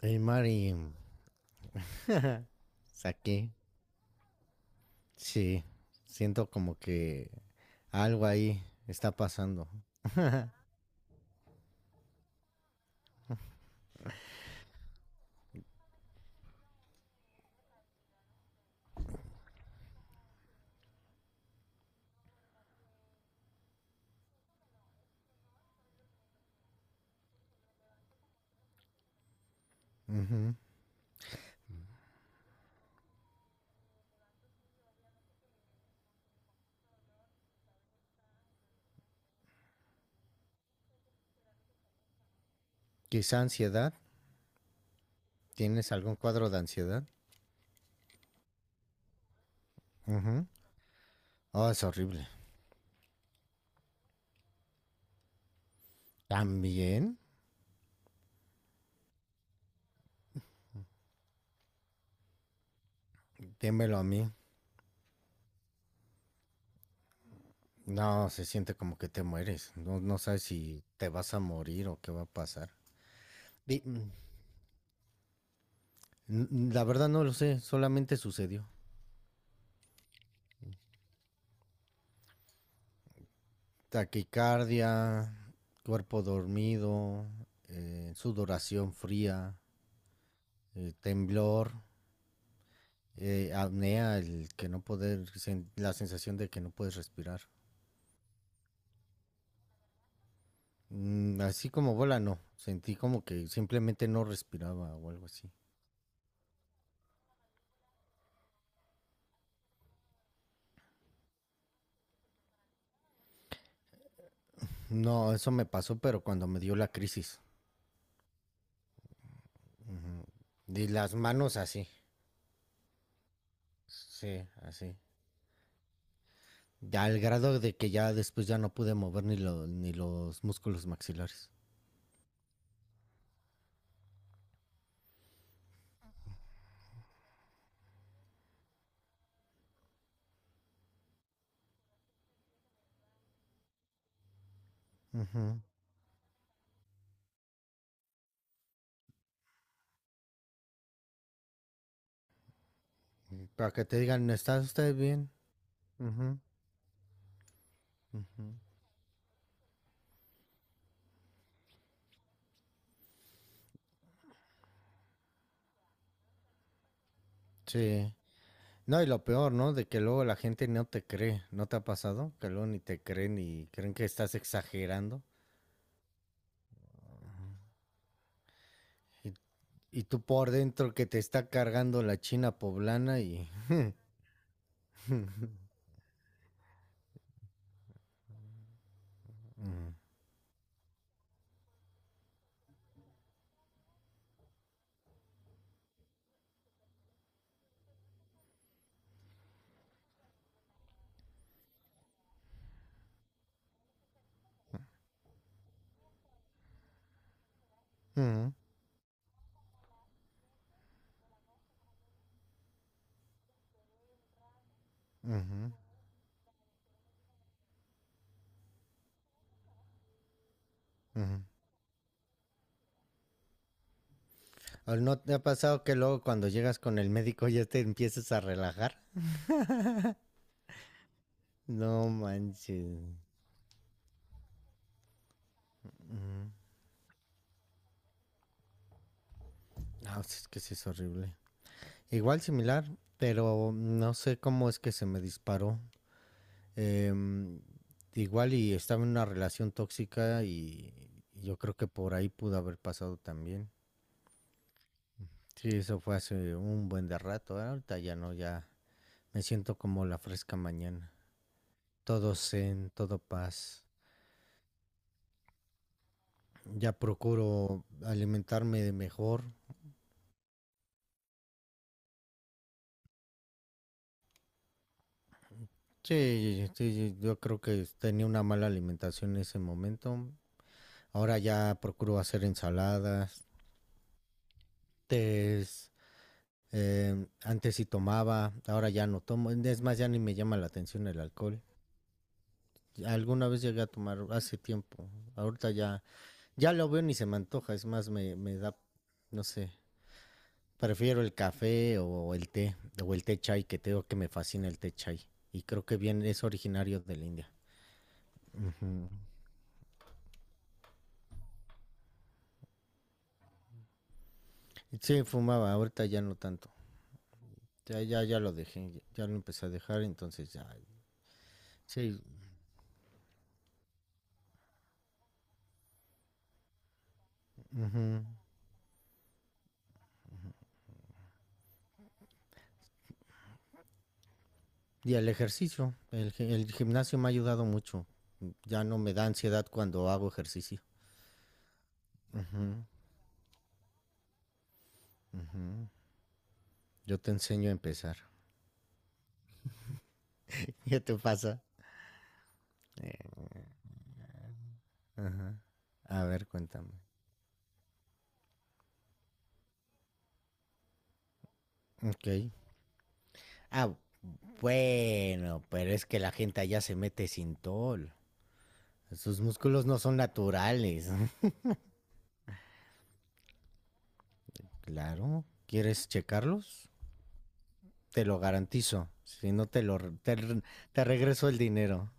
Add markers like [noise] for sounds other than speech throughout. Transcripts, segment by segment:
Hey Mari, saqué. Sí, siento como que algo ahí está pasando. Ujú. Quizá ansiedad. ¿Tienes algún cuadro de ansiedad? Ujú. Oh, es horrible. ¿También? Démelo a mí. No, se siente como que te mueres. No, no sabes si te vas a morir o qué va a pasar. Di- mm, La verdad no lo sé, solamente sucedió. Taquicardia, cuerpo dormido, sudoración fría, temblor, apnea, el que no poder, la sensación de que no puedes respirar. Así como bola, no. Sentí como que simplemente no respiraba o algo así. No, eso me pasó, pero cuando me dio la crisis. Ujú. Y las manos así. Sí, así. Ya al grado de que ya después ya no pude mover ni los músculos maxilares. Ujú. Para que te digan, ¿está usted bien? Ujú, ujú. Sí. No, y lo peor, ¿no?, de que luego la gente no te cree. ¿No te ha pasado? Que luego ni te creen y creen que estás exagerando. Y, y tú por dentro que te está cargando la China poblana y... Ujú, ujú, ujú, ujú. ¿O ¿No te ha pasado que luego cuando llegas con el médico ya te empiezas a relajar? No manches. Ujú. No, es que sí es horrible. Igual similar, pero no sé cómo es que se me disparó. Em, Igual y estaba en una relación tóxica y yo creo que por ahí pudo haber pasado también. Sí, eso fue hace un buen de rato, ¿eh? Ahorita ya no, ya me siento como la fresca mañana. Todo zen, todo paz. Ya procuro alimentarme de mejor. Sí, sí, sí, yo creo que tenía una mala alimentación en ese momento. Ahora ya procuro hacer ensaladas, tés. Antes sí tomaba, ahora ya no tomo. Es más, ya ni me llama la atención el alcohol. Alguna vez llegué a tomar hace tiempo. Ahorita ya, ya lo veo ni se me antoja. Es más, me da, no sé. Prefiero el café o el té chai, que tengo que me fascina el té chai. Y creo que bien es originario de la India. Ujú. Sí, fumaba, ahorita ya no tanto. Ya, ya, ya lo dejé, ya lo empecé a dejar, entonces ya. Sí, ujú. Y el ejercicio, el gimnasio me ha ayudado mucho. Ya no me da ansiedad cuando hago ejercicio. Ujú. Yo te enseño a empezar. [laughs] ¿Qué te pasa? Eh, ajá. A ver, cuéntame. Ok. Ah, bueno, pero es que la gente allá se mete sintol. Sus músculos no son naturales. [laughs] Claro. ¿Quieres checarlos? Te lo garantizo. Si no, te lo re- te regreso el dinero.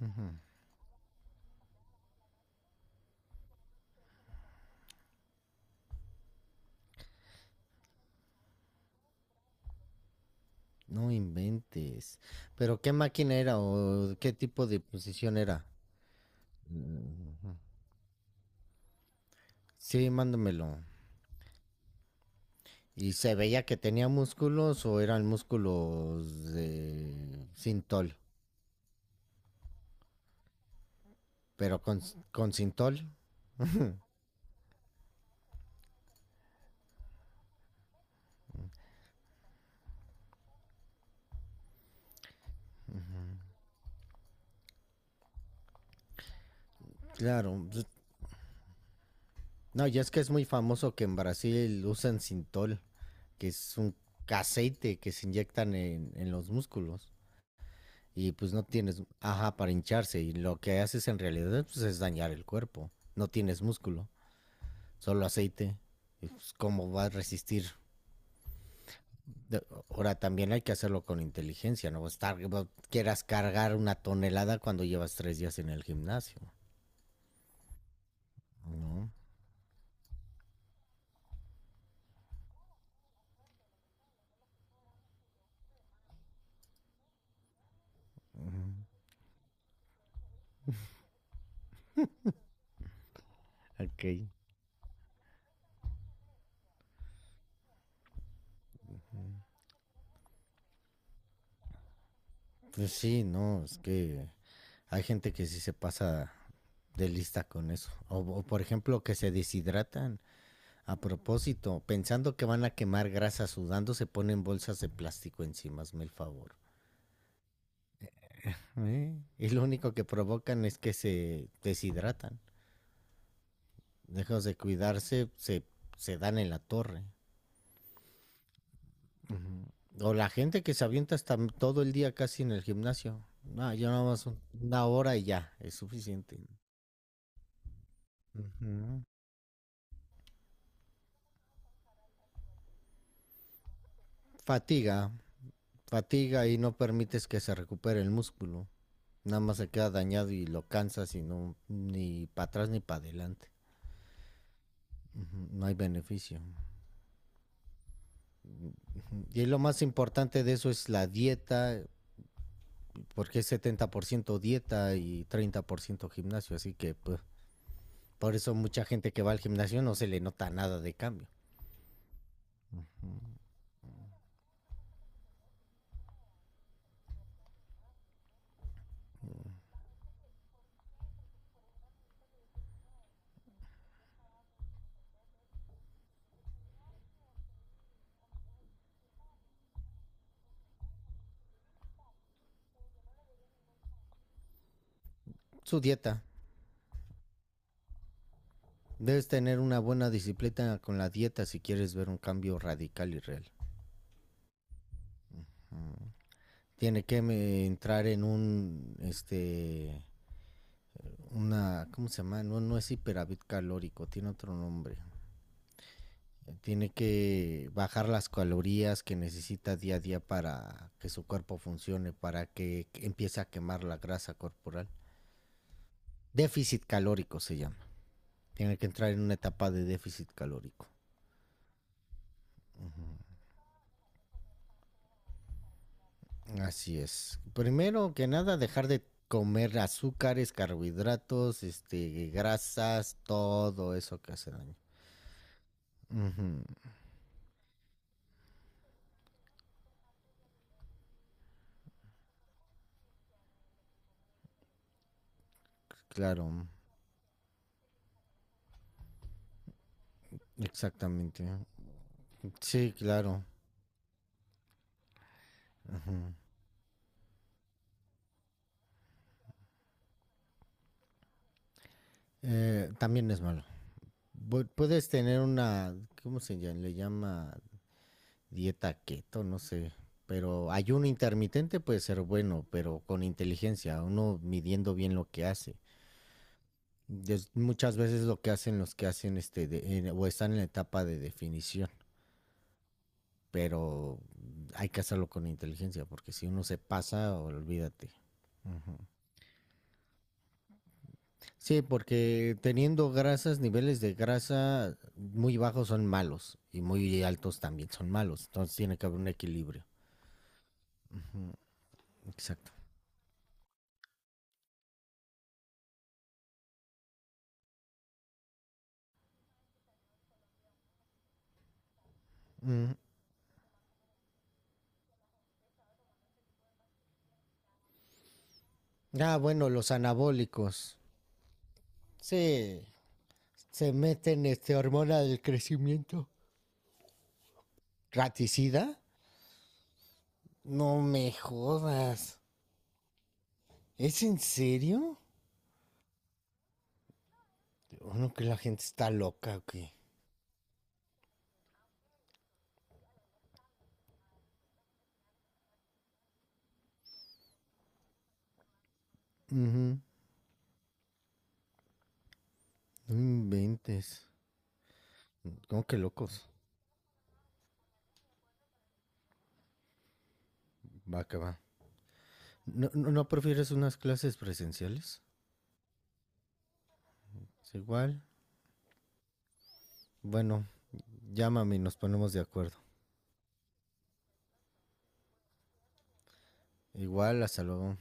Ujú. No inventes. ¿Pero qué máquina era o qué tipo de posición era? Mm, Sí, mándamelo. ¿Y se veía que tenía músculos o eran músculos de Sintol? Pero con Sintol, claro, pues. No, ya es que es muy famoso que en Brasil usan Sintol, que es un aceite que se inyectan en los músculos. Y pues no tienes, ajá, para hincharse. Y lo que haces en realidad, pues, es dañar el cuerpo. No tienes músculo, solo aceite, pues. ¿Cómo va a resistir? Ahora también hay que hacerlo con inteligencia, ¿no? Estar, no quieras cargar una tonelada cuando llevas 3 días en el gimnasio, ¿no? Ok. Pues sí, no, es que hay gente que sí se pasa de lista con eso. O, por ejemplo, que se deshidratan a propósito, pensando que van a quemar grasa sudando, se ponen bolsas de plástico encima, hazme el favor. ¿Eh? Y lo único que provocan es que se deshidratan. Dejas de cuidarse, se dan en la torre. Ujú. O la gente que se avienta hasta todo el día casi en el gimnasio. No, yo nada más 1 hora y ya, es suficiente. Ujú. Fatiga, fatiga y no permites que se recupere el músculo. Nada más se queda dañado y lo cansas y no, ni para atrás ni para adelante. Ujú, no hay beneficio. Ujú. Y lo más importante de eso es la dieta, porque es 70% dieta y 30% gimnasio, así que pues, por eso mucha gente que va al gimnasio no se le nota nada de cambio. Su dieta. Debes tener una buena disciplina con la dieta si quieres ver un cambio radical y real. Mm. Tiene que entrar en un, este, una, ¿cómo se llama? No, no es hiperávit calórico, tiene otro nombre. Tiene que bajar las calorías que necesita día a día para que su cuerpo funcione, para que empiece a quemar la grasa corporal. Déficit calórico se llama. Tiene que entrar en una etapa de déficit calórico. Así es. Primero que nada, dejar de comer azúcares, carbohidratos, este, grasas, todo eso que hace daño. Ujú, claro, exactamente. Sí, claro. También es malo. Puedes tener una, ¿cómo se llama? Le llama dieta keto, no sé. Pero ayuno intermitente puede ser bueno, pero con inteligencia, uno midiendo bien lo que hace. Es muchas veces lo que hacen los que hacen este o están en la etapa de definición, pero hay que hacerlo con inteligencia, porque si uno se pasa, olvídate. Ujú. Sí, porque teniendo grasas, niveles de grasa muy bajos son malos y muy altos también son malos. Entonces tiene que haber un equilibrio. Exacto. Ujú. Ah, bueno, los anabólicos. Sí, se meten este hormona del crecimiento. ¿Raticida? No me jodas. ¿Es en serio? Bueno, que la gente está loca, ¿o qué? Ujú, no inventes. ¿Cómo que locos? Va que va. ¿No, no, no prefieres unas clases presenciales? Es igual. Bueno, llámame y nos ponemos de acuerdo. Igual, hasta luego.